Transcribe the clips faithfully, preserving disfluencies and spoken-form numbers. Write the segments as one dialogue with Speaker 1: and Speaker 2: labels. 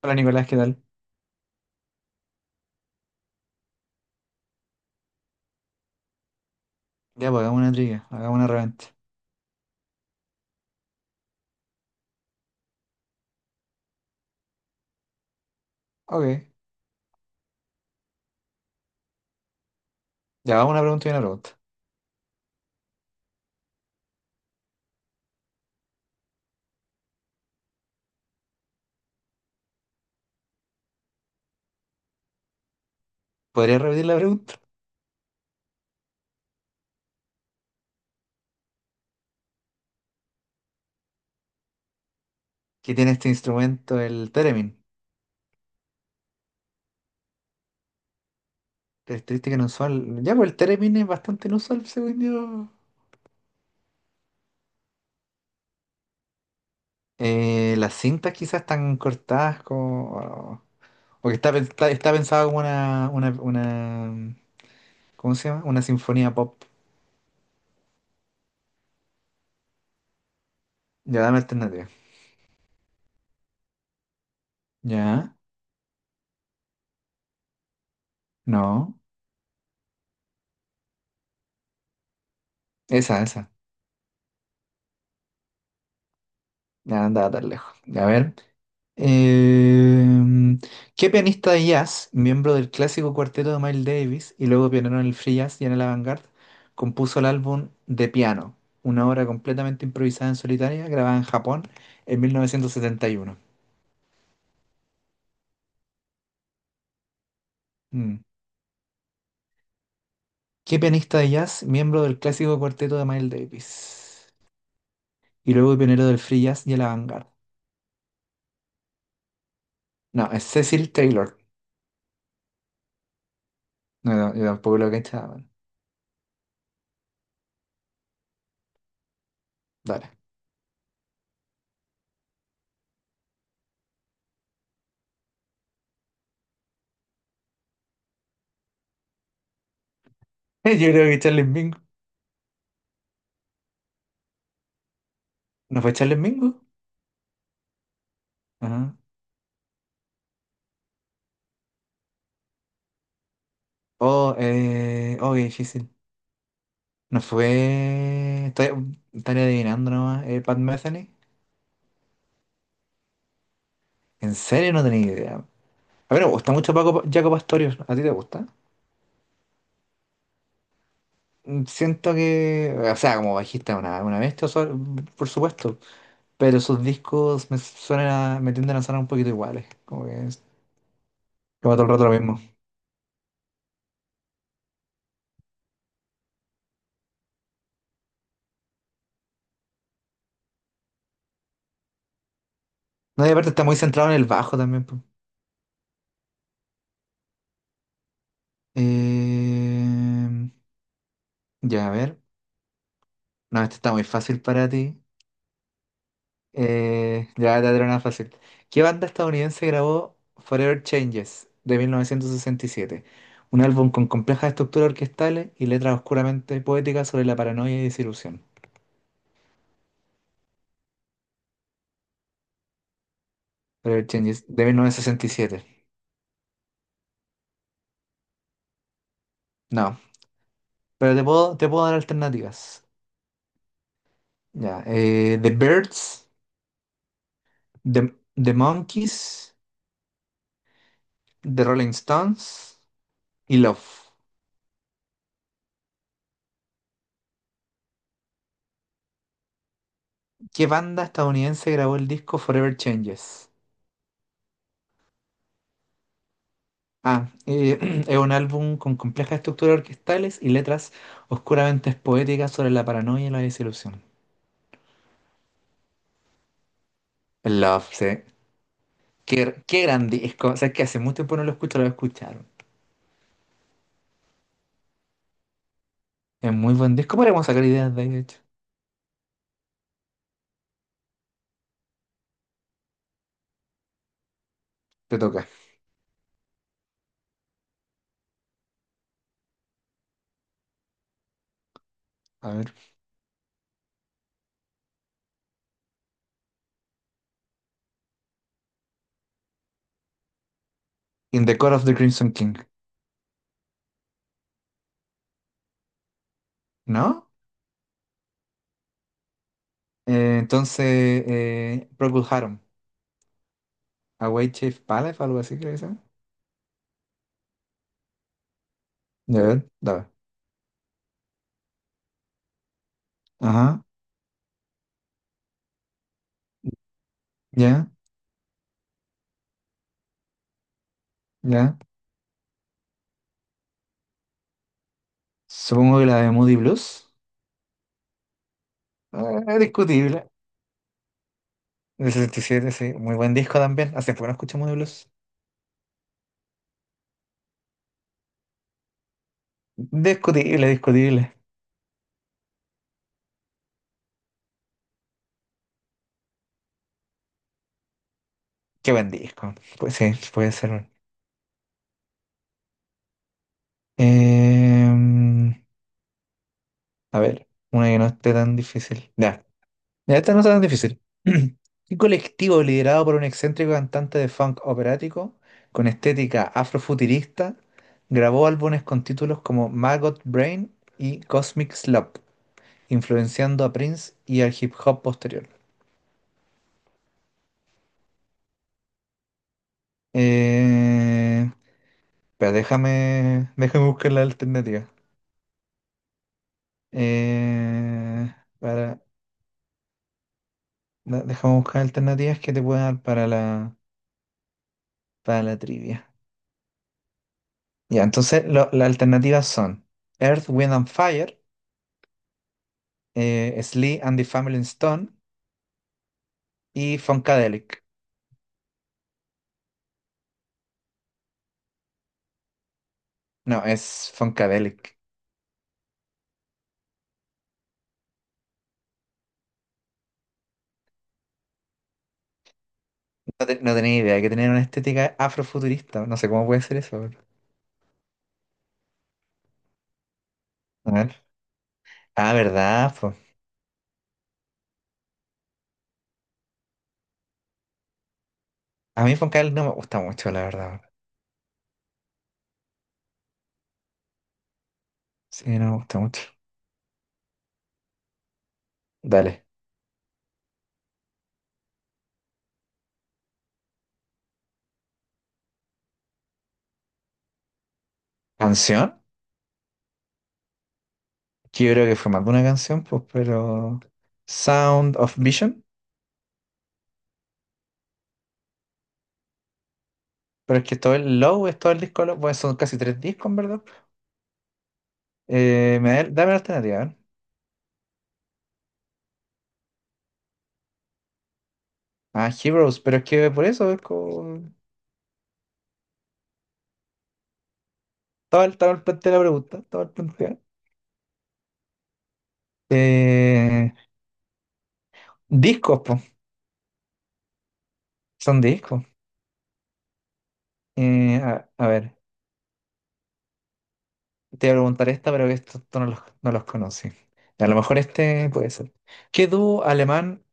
Speaker 1: Hola Nicolás, ¿qué tal? Ya, pues hagamos una trivia, hagamos una reventa. Ok, ya vamos una pregunta y una pregunta. ¿Podría repetir la pregunta? ¿Qué tiene este instrumento, el theremin? Característica inusual. Ya, pues el theremin es bastante inusual, según yo. Eh, las cintas quizás están cortadas como. O que está, pen- está, está pensado como una, una, una... ¿Cómo se llama? Una sinfonía pop. Ya, dame alternativa. Ya, no. Esa, esa. Ya, andaba tan lejos. A ver. Em, ¿qué pianista de jazz, miembro del clásico cuarteto de Miles Davis y luego pionero en el free jazz y en el avant-garde, compuso el álbum De Piano, una obra completamente improvisada en solitaria grabada en Japón en mil novecientos setenta y uno? Mm. ¿Qué pianista de jazz, miembro del clásico cuarteto de Miles Davis y luego pionero del free jazz y el avant-garde? No, es Cecil Taylor. No, no, yo tampoco lo que cachaba. Dale. Yo creo que Charles Mingus. ¿No fue Charles Mingus? Oh, eh, oh, qué difícil. No fue. Estoy, estaría adivinando nomás. Eh, Pat Metheny. En serio, no tenía idea. A ver, me gusta mucho Paco, Jaco Pastorius. ¿A ti te gusta? Mm, Siento que. O sea, como bajista, una, una bestia, so- por supuesto. Pero sus discos me suenan a- me tienden a sonar un poquito iguales. Como que es. Como todo el rato lo mismo. No, y aparte está muy centrado en el bajo también. Po. Eh, ya, a ver. No, este está muy fácil para ti. Eh, ya, ya era una fácil. ¿Qué banda estadounidense grabó Forever Changes de mil novecientos sesenta y siete? Un álbum con complejas estructuras orquestales y letras oscuramente poéticas sobre la paranoia y desilusión. Forever Changes de mil novecientos sesenta y siete. No, pero te puedo, te puedo dar alternativas. Ya, eh, The Birds, The, The Monkees, The Rolling Stones y Love. ¿Qué banda estadounidense grabó el disco Forever Changes? Ah, eh, es un álbum con complejas estructuras orquestales y letras oscuramente poéticas sobre la paranoia y la desilusión. Love, sí. Qué, qué gran disco. O sea, es que hace mucho tiempo no lo escucho, lo escucharon. Es muy buen disco. Podríamos sacar ideas de ahí, de hecho. Te toca. A ver. In the Court of the Crimson King. ¿No? Eh, entonces, eh, Procol Harum. Away Chief Palace, algo así, creo que se llama. Ya ver, dale. Ajá. Ya, ya. Supongo que la de Moody Blues. Eh, discutible. Del setenta y siete, sí. Muy buen disco también. Hace poco no escuchamos de blues. Discutible, discutible. Qué buen disco. Pues sí, puede ser. Em, a ver, una que no esté tan difícil. Ya, ya esta no está tan difícil. Un colectivo liderado por un excéntrico cantante de funk operático con estética afrofuturista grabó álbumes con títulos como Maggot Brain y Cosmic Slump, influenciando a Prince y al hip hop posterior. Eh, Pero déjame, déjame buscar las alternativas. Eh, para, da- déjame buscar alternativas que te puedan dar para la, para la trivia. Ya, entonces lo- las alternativas son Earth, Wind and Fire, eh, Sly and the Family Stone y Funkadelic. No, es Funkadelic. No, te- no tenía idea que tenían una estética afrofuturista. No sé cómo puede ser eso. pero- A ver. Ah, ¿verdad? Po? A mí Funkadelic no me gusta mucho, la verdad. Sí, no me gusta mucho. Dale. ¿Canción? Que yo creo que fue más de una canción, pues, pero Sound of Vision, pero es que todo el Low es todo el disco Low, pues son casi tres discos, en ¿verdad? Eh, me da- dame la alternativa, a ver. Ah, Heroes, pero es que por eso es como. Estaba el, todo el planteo de la pregunta, todo el planteo. Eh, Eh, discos, pues, son discos. Eh, a, a ver, te voy a preguntar esta, pero que esto, tú no los, no los conocí. A lo mejor este puede ser. ¿Qué dúo alemán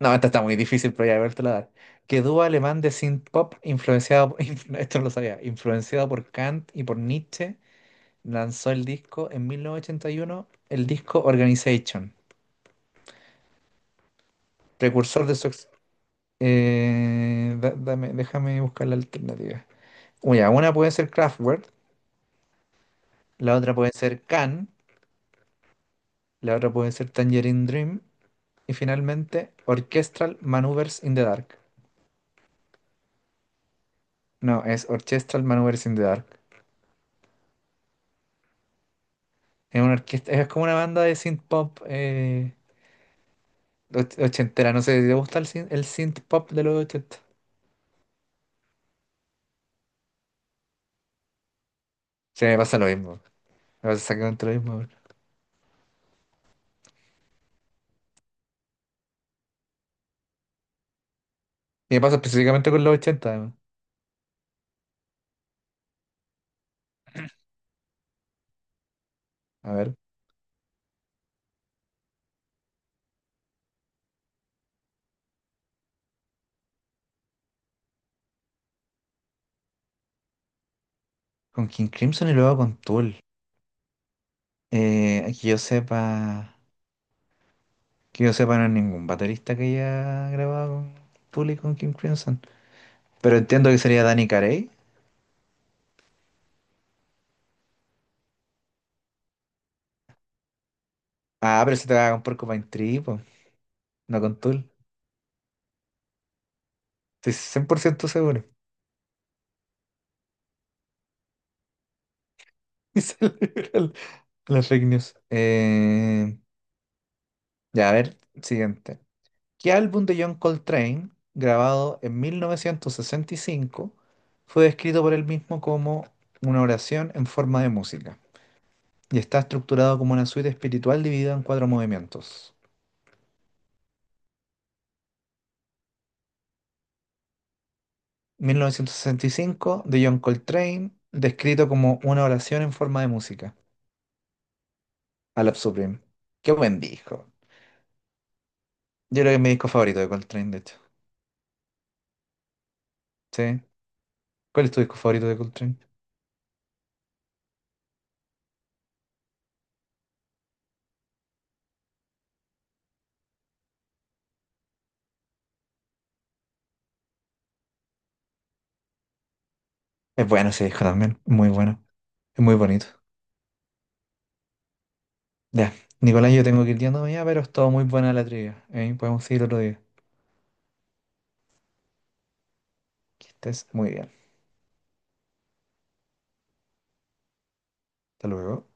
Speaker 1: No, esta está muy difícil, pero ya, a ver, te la dar. Que dúo alemán de synth-pop influenciado, por- influ- esto no lo sabía, influenciado por Kant y por Nietzsche, lanzó el disco en mil novecientos ochenta y uno, el disco Organization, precursor de su... ex- eh, da- dame- Déjame buscar la alternativa. Uy, ya, una puede ser Kraftwerk, la otra puede ser Can, la otra puede ser Tangerine Dream, y finalmente Orchestral Maneuvers in the Dark. No, es Orchestral Maneuvers in the Dark. Es una orquesta, es como una banda de synth pop eh, och- ochentera. No sé, ¿te gusta el synth, el synth pop de los ochenta? Sí, me pasa lo mismo. Me pasa exactamente lo mismo. Weón. Y me pasa específicamente con los ochenta además. A ver, con King Crimson y luego con Tool. Eh, que yo sepa, que yo sepa, no hay ningún baterista que haya grabado con Tool y con King Crimson. Pero entiendo que sería Danny Carey. Ah, pero se te va con Porcupine Tree, po, no con Tool. Estoy cien por ciento seguro. Y se le libra la la fake news. Eh, Ya, a ver, siguiente. ¿Qué álbum de John Coltrane, grabado en mil novecientos sesenta y cinco, fue descrito por él mismo como una oración en forma de música? Y está estructurado como una suite espiritual dividida en cuatro movimientos. mil novecientos sesenta y cinco, de John Coltrane, descrito como una oración en forma de música. A la Supreme. Qué buen disco. Yo creo que es mi disco favorito de Coltrane, de hecho. ¿Sí? ¿Cuál es tu disco favorito de Coltrane? Es bueno ese disco también, muy bueno. Es muy bonito. Ya, Nicolás, yo tengo que ir yéndome ya, pero es todo muy buena la trivia. ¿Eh? Podemos seguir otro día. Que estés muy bien. Hasta luego.